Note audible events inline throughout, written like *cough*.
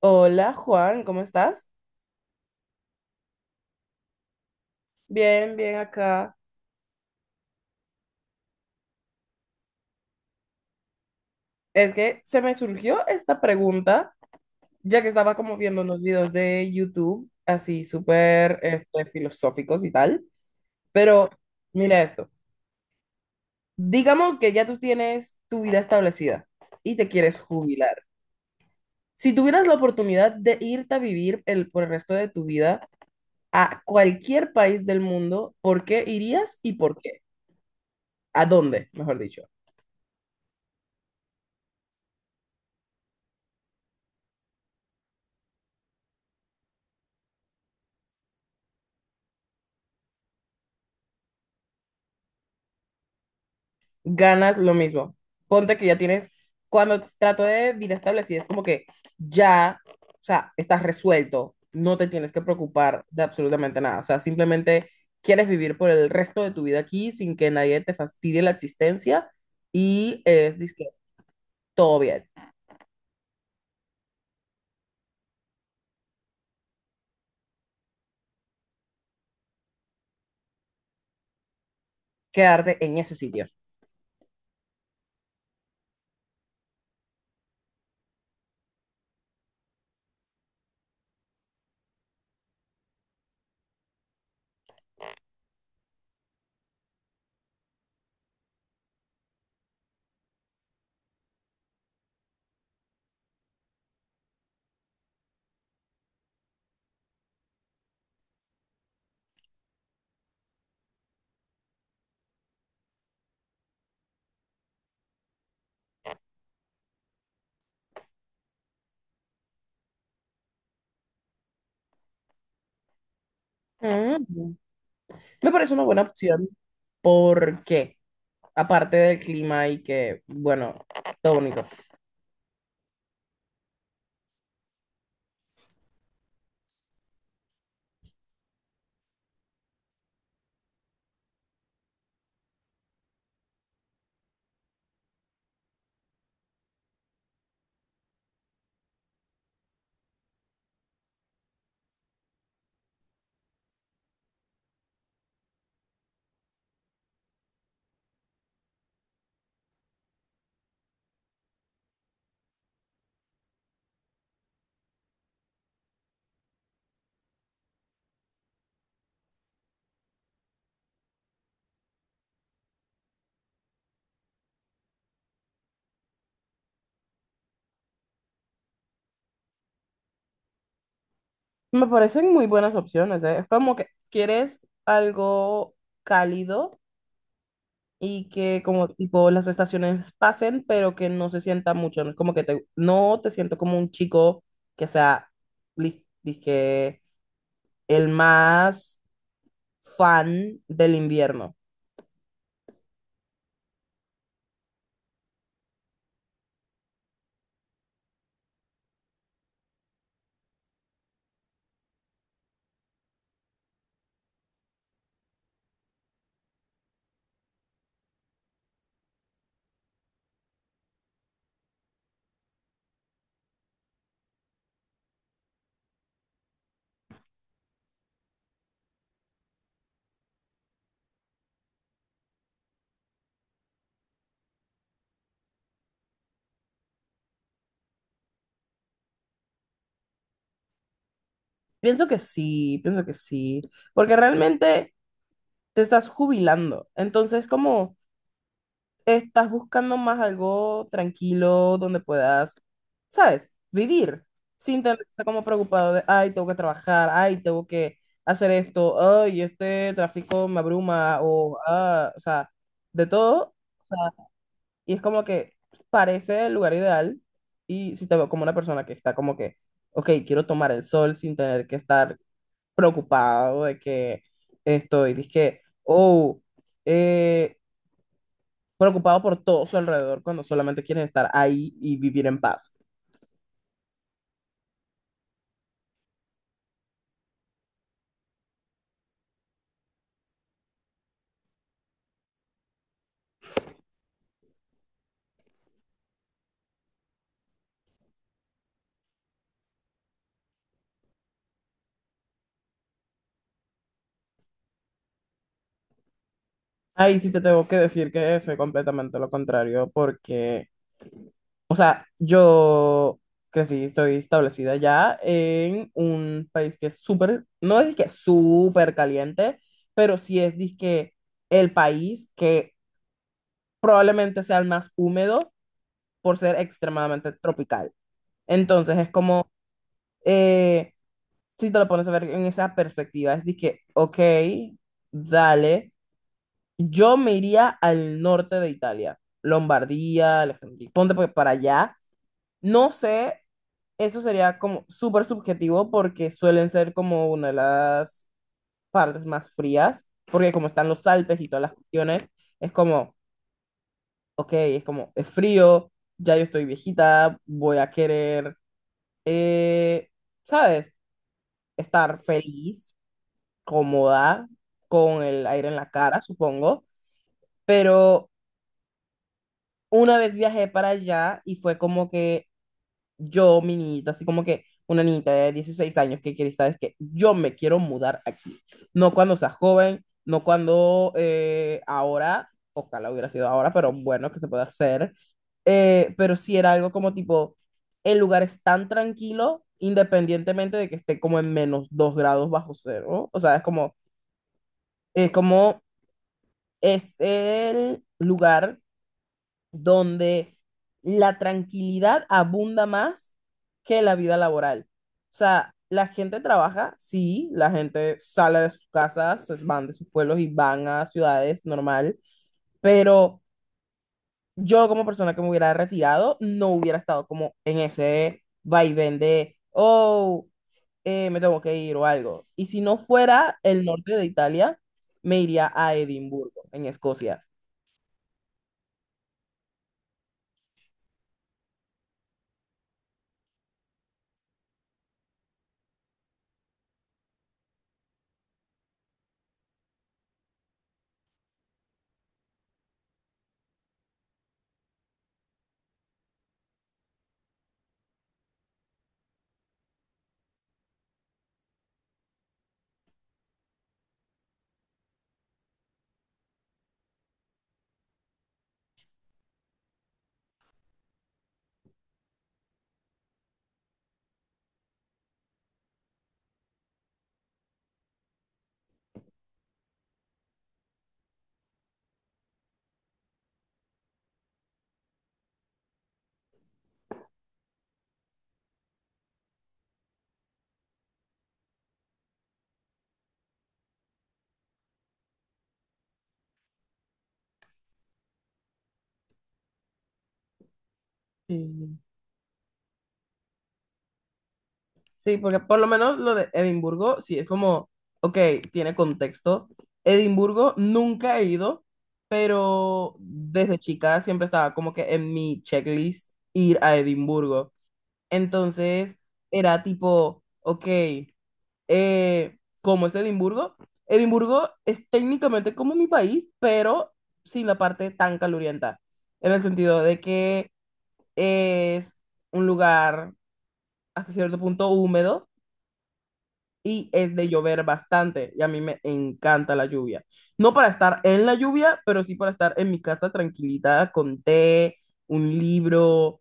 Hola Juan, ¿cómo estás? Bien, bien acá. Es que se me surgió esta pregunta, ya que estaba como viendo unos videos de YouTube, así súper filosóficos y tal. Pero mira esto, digamos que ya tú tienes tu vida establecida y te quieres jubilar. Si tuvieras la oportunidad de irte a vivir por el resto de tu vida a cualquier país del mundo, ¿por qué irías y por qué? ¿A dónde, mejor dicho? Ganas lo mismo. Ponte que ya tienes, cuando trato de vida establecida, es como que ya, o sea, estás resuelto, no te tienes que preocupar de absolutamente nada, o sea, simplemente quieres vivir por el resto de tu vida aquí sin que nadie te fastidie la existencia y es, dizque, todo bien. Quedarte en ese sitio. Ujú. Me parece una buena opción. ¿Por qué? Aparte del clima y que, bueno, todo bonito. Me parecen muy buenas opciones, ¿eh? Es como que quieres algo cálido y que como tipo las estaciones pasen, pero que no se sienta mucho, no es como que te, no te siento como un chico que sea, li- dije, el más fan del invierno. Pienso que sí, porque realmente te estás jubilando, entonces como estás buscando más algo tranquilo donde puedas, ¿sabes? Vivir sin tener que estar como preocupado de, ay, tengo que trabajar, ay, tengo que hacer esto, ay, este tráfico me abruma o, ah, o sea, de todo. O sea, y es como que parece el lugar ideal y si te veo como una persona que está como que, ok, quiero tomar el sol sin tener que estar preocupado de que estoy, dizque, oh, eh, preocupado por todo su alrededor cuando solamente quieres estar ahí y vivir en paz. Ahí sí te tengo que decir que soy completamente lo contrario porque, o sea, yo crecí, estoy establecida ya en un país que es súper, no es que súper caliente, pero sí es disque el país que probablemente sea el más húmedo por ser extremadamente tropical. Entonces es como, eh, si te lo pones a ver en esa perspectiva, es de que, ok, dale, yo me iría al norte de Italia, Lombardía, Alejandría, ponte pues para allá. No sé, eso sería como súper subjetivo porque suelen ser como una de las partes más frías, porque como están los Alpes y todas las cuestiones, es como, ok, es como, es frío, ya yo estoy viejita, voy a querer, eh, ¿sabes? Estar feliz, cómoda, con el aire en la cara, supongo, pero una vez viajé para allá y fue como que yo, mi niñita, así como que una niñita de 16 años que quiere, sabes que yo me quiero mudar aquí, no cuando sea joven, no cuando ahora, ojalá hubiera sido ahora, pero bueno, que se puede hacer. Pero sí era algo como tipo, el lugar es tan tranquilo, independientemente de que esté como en menos 2 grados bajo cero, o sea, es como... Es como es el lugar donde la tranquilidad abunda más que la vida laboral. O sea, la gente trabaja, sí, la gente sale de sus casas, se van de sus pueblos y van a ciudades normal, pero yo como persona que me hubiera retirado no hubiera estado como en ese vaivén de, oh, me tengo que ir o algo. Y si no fuera el norte de Italia, me iría a Edimburgo, en Escocia. Sí. Sí, porque por lo menos lo de Edimburgo, sí, es como, ok, tiene contexto. Edimburgo nunca he ido, pero desde chica siempre estaba como que en mi checklist ir a Edimburgo. Entonces era tipo, ok, ¿cómo es Edimburgo? Edimburgo es técnicamente como mi país, pero sin la parte tan calurienta, en el sentido de que es un lugar hasta cierto punto húmedo y es de llover bastante y a mí me encanta la lluvia. No para estar en la lluvia, pero sí para estar en mi casa tranquilita con té, un libro,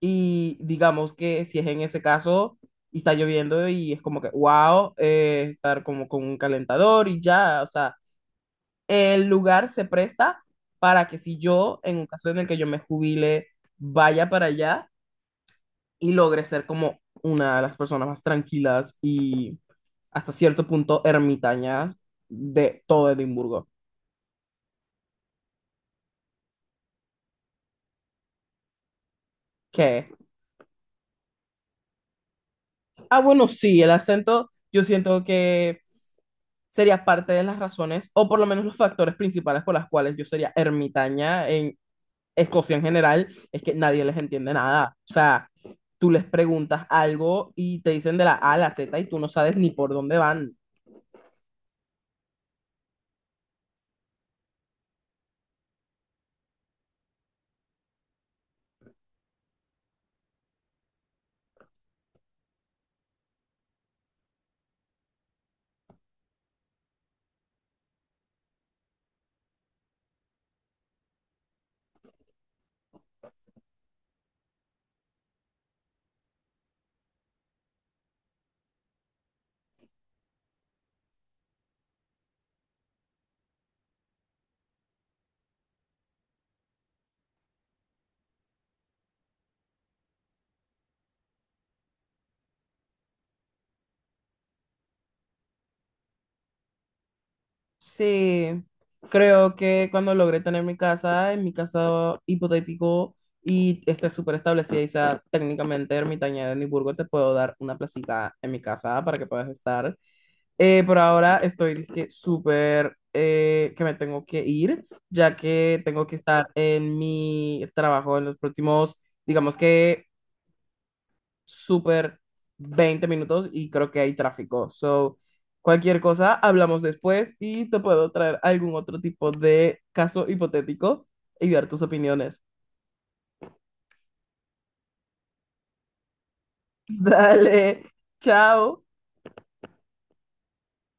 y digamos que si es en ese caso y está lloviendo y es como que, wow, estar como con un calentador y ya, o sea, el lugar se presta para que si yo, en un caso en el que yo me jubile, vaya para allá y logre ser como una de las personas más tranquilas y hasta cierto punto ermitañas de todo Edimburgo. Que, ah, bueno, sí, el acento yo siento que sería parte de las razones, o por lo menos los factores principales por las cuales yo sería ermitaña en Escocia en general, es que nadie les entiende nada. O sea, tú les preguntas algo y te dicen de la A a la Z y tú no sabes ni por dónde van. Sí, creo que cuando logré tener mi casa, en mi casa hipotético, y esté súper establecida y sea técnicamente ermitaña de Edimburgo, te puedo dar una placita en mi casa para que puedas estar. Por ahora estoy dizque, súper que me tengo que ir, ya que tengo que estar en mi trabajo en los próximos, digamos que súper 20 minutos, y creo que hay tráfico. So, cualquier cosa, hablamos después y te puedo traer algún otro tipo de caso hipotético y ver tus opiniones. *laughs* Dale, chao.